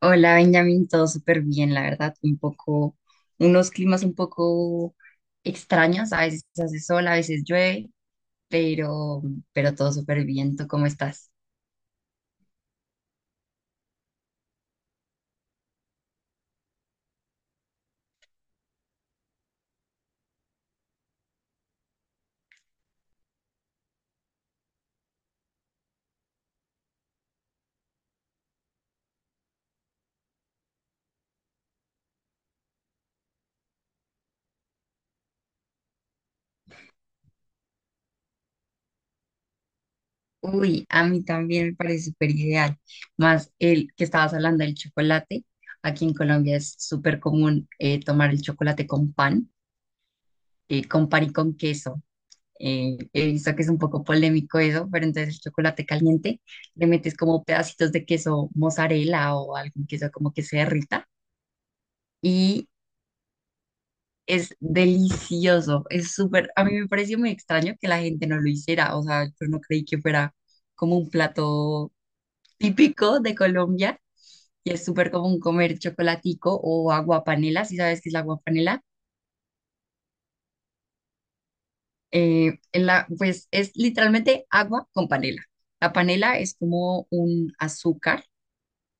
Hola Benjamín, todo súper bien, la verdad, un poco, unos climas un poco extraños, a veces hace sol, a veces llueve, pero, pero todo súper bien, ¿tú cómo estás? Uy, a mí también me parece súper ideal, más el que estabas hablando del chocolate, aquí en Colombia es súper común tomar el chocolate con pan y con queso. He visto que es un poco polémico eso, pero entonces el chocolate caliente le metes como pedacitos de queso mozzarella o algún queso como que se derrita y es delicioso, es súper, a mí me pareció muy extraño que la gente no lo hiciera, o sea, yo no creí que fuera como un plato típico de Colombia y es súper común comer chocolatico o agua panela, si sabes qué es la agua panela. Pues es literalmente agua con panela. La panela es como un azúcar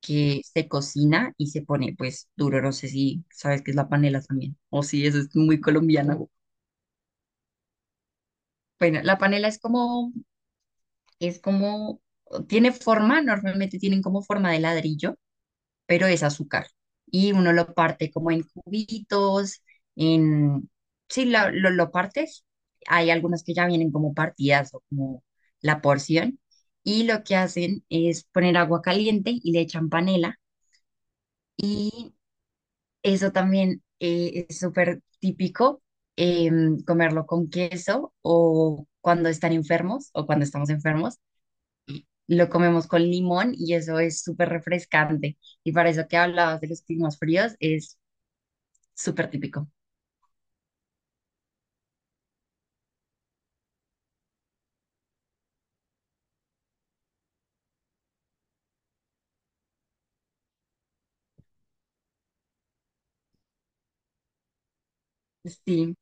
que se cocina y se pone pues duro. No sé si sabes qué es la panela también, o si eso es muy colombiana. Bueno, la panela es como, tiene forma, normalmente tienen como forma de ladrillo, pero es azúcar. Y uno lo parte como en cubitos, en... Sí, lo partes. Hay algunos que ya vienen como partidas o como la porción. Y lo que hacen es poner agua caliente y le echan panela. Y eso también es súper típico, comerlo con queso o cuando están enfermos o cuando estamos enfermos lo comemos con limón y eso es súper refrescante. Y para eso que hablabas de los climas fríos, es súper típico. Sí,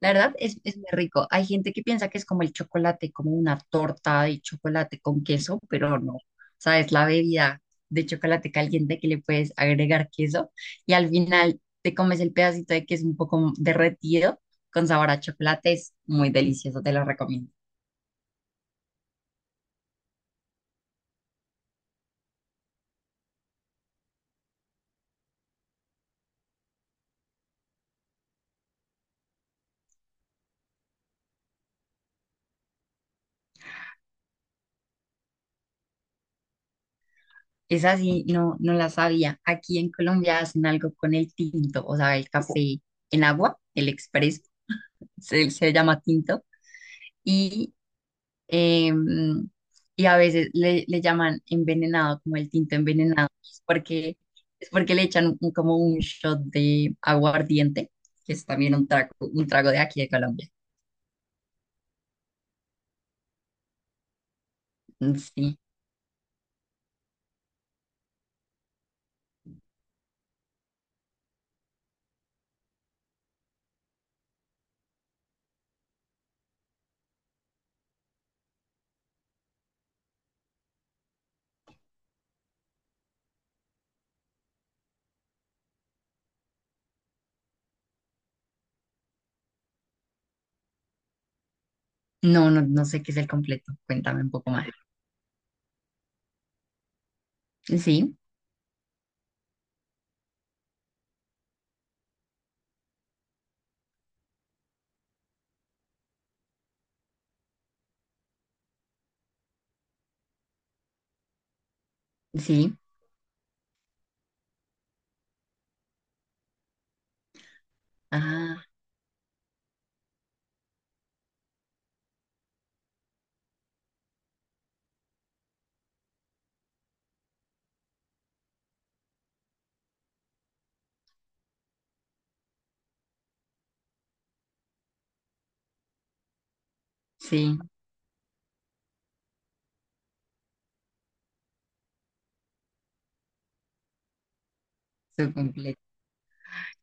la verdad es muy rico. Hay gente que piensa que es como el chocolate, como una torta de chocolate con queso, pero no. O sea, es la bebida de chocolate caliente que le puedes agregar queso y al final te comes el pedacito de queso un poco derretido con sabor a chocolate. Es muy delicioso, te lo recomiendo. Esa sí, no, no la sabía. Aquí en Colombia hacen algo con el tinto, o sea, el café en agua, el expreso, se llama tinto. Y, em, y a veces le llaman envenenado, como el tinto envenenado, es porque le echan como un shot de aguardiente, que es también un trago de aquí de Colombia. Mm. Sí. No, no sé qué es el completo. Cuéntame un poco más. Sí, sí. Ah, sí, su completo.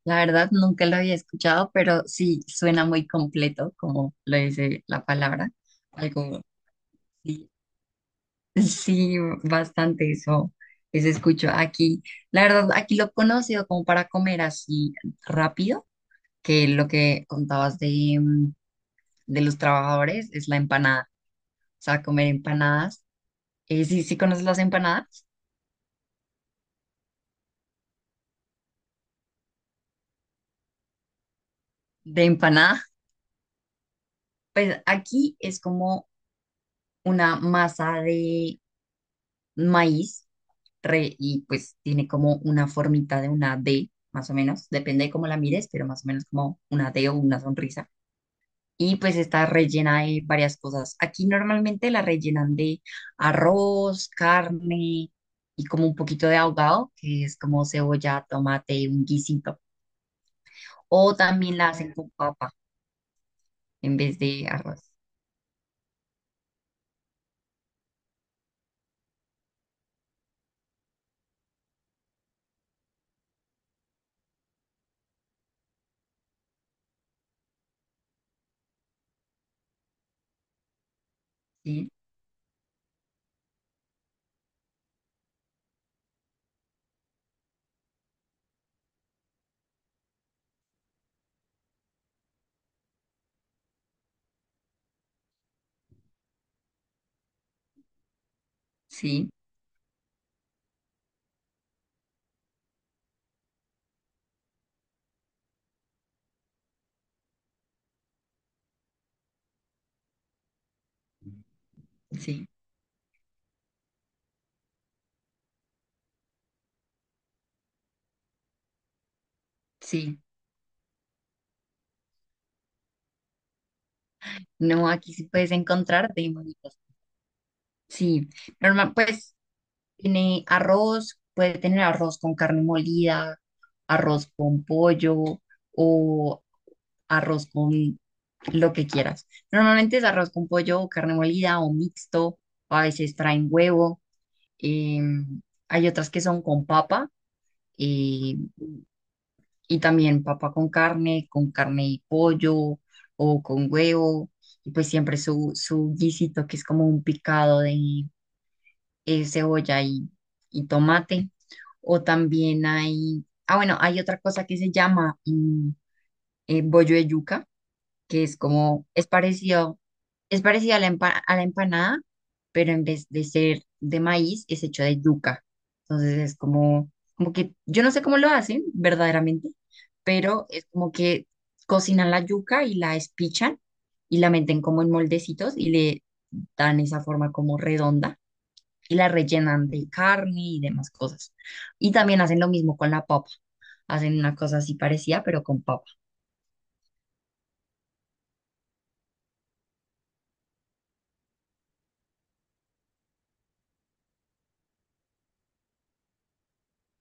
La verdad, nunca lo había escuchado, pero sí suena muy completo, como lo dice la palabra. Algo, sí, sí, bastante eso, eso escucho aquí. La verdad, aquí lo he conocido como para comer así rápido, que lo que contabas de, de los trabajadores es la empanada, o sea, comer empanadas. Sí, sí conoces las empanadas de empanada. Pues aquí es como una masa de maíz re y pues tiene como una formita de una D, más o menos, depende de cómo la mires, pero más o menos como una D o una sonrisa. Y pues está rellena de varias cosas. Aquí normalmente la rellenan de arroz, carne y como un poquito de ahogado, que es como cebolla, tomate, un guisito. O también la hacen con papa en vez de arroz. Sí, sí, sí, sí. No, aquí sí puedes encontrar de monitos. Sí, normal, pues tiene arroz, puede tener arroz con carne molida, arroz con pollo o arroz con lo que quieras. Normalmente es arroz con pollo o carne molida o mixto, o a veces traen huevo. eh, hay otras que son con papa, eh, y también papa con carne y pollo o con huevo. Y pues siempre su guisito que es como un picado de, cebolla y tomate. O también hay, ah, bueno, hay otra cosa que se llama bollo de yuca, que es como, es parecido a la, a la empanada, pero en vez de ser de maíz, es hecho de yuca. Entonces es como, como que, yo no sé cómo lo hacen verdaderamente, pero es como que cocinan la yuca y la espichan y la meten como en moldecitos y le dan esa forma como redonda y la rellenan de carne y demás cosas. Y también hacen lo mismo con la papa. Hacen una cosa así parecida, pero con papa,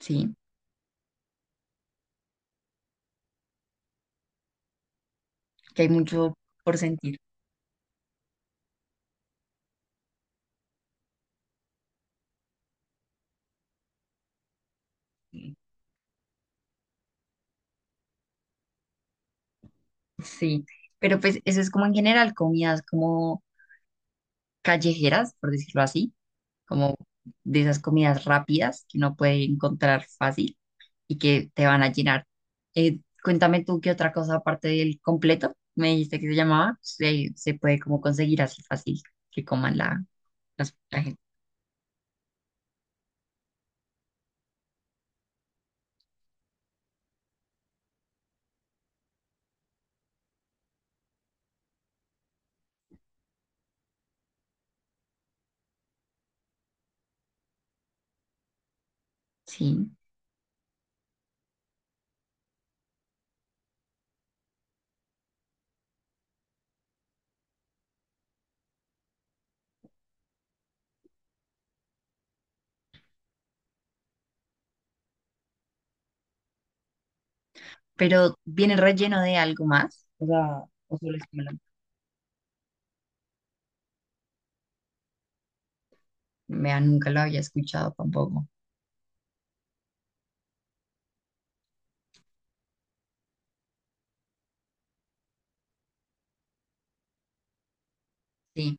¿sí? Que hay mucho por sentir. Sí, pero pues eso es como en general comidas como callejeras, por decirlo así, como de esas comidas rápidas que uno puede encontrar fácil y que te van a llenar. Cuéntame tú qué otra cosa aparte del completo, me dijiste que se llamaba, se puede como conseguir así fácil que coman la, la gente. Sí, pero viene relleno de algo más, o sea, o solo es melón. Vea, nunca lo había escuchado tampoco. Sí,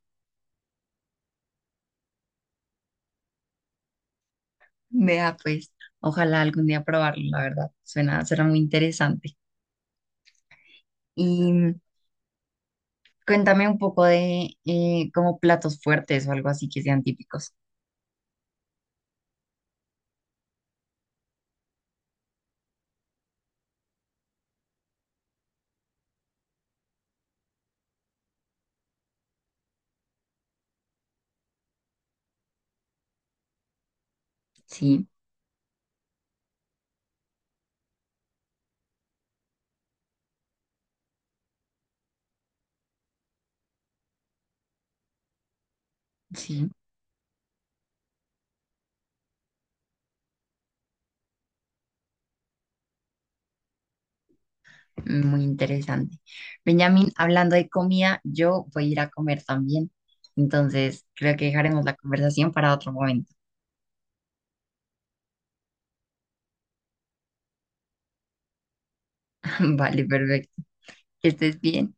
vea, pues, ojalá algún día probarlo, la verdad, suena, será muy interesante. Y cuéntame un poco de como platos fuertes o algo así que sean típicos. Sí, sí, muy interesante. Benjamín, hablando de comida, yo voy a ir a comer también, entonces creo que dejaremos la conversación para otro momento. Vale, perfecto, que estés bien.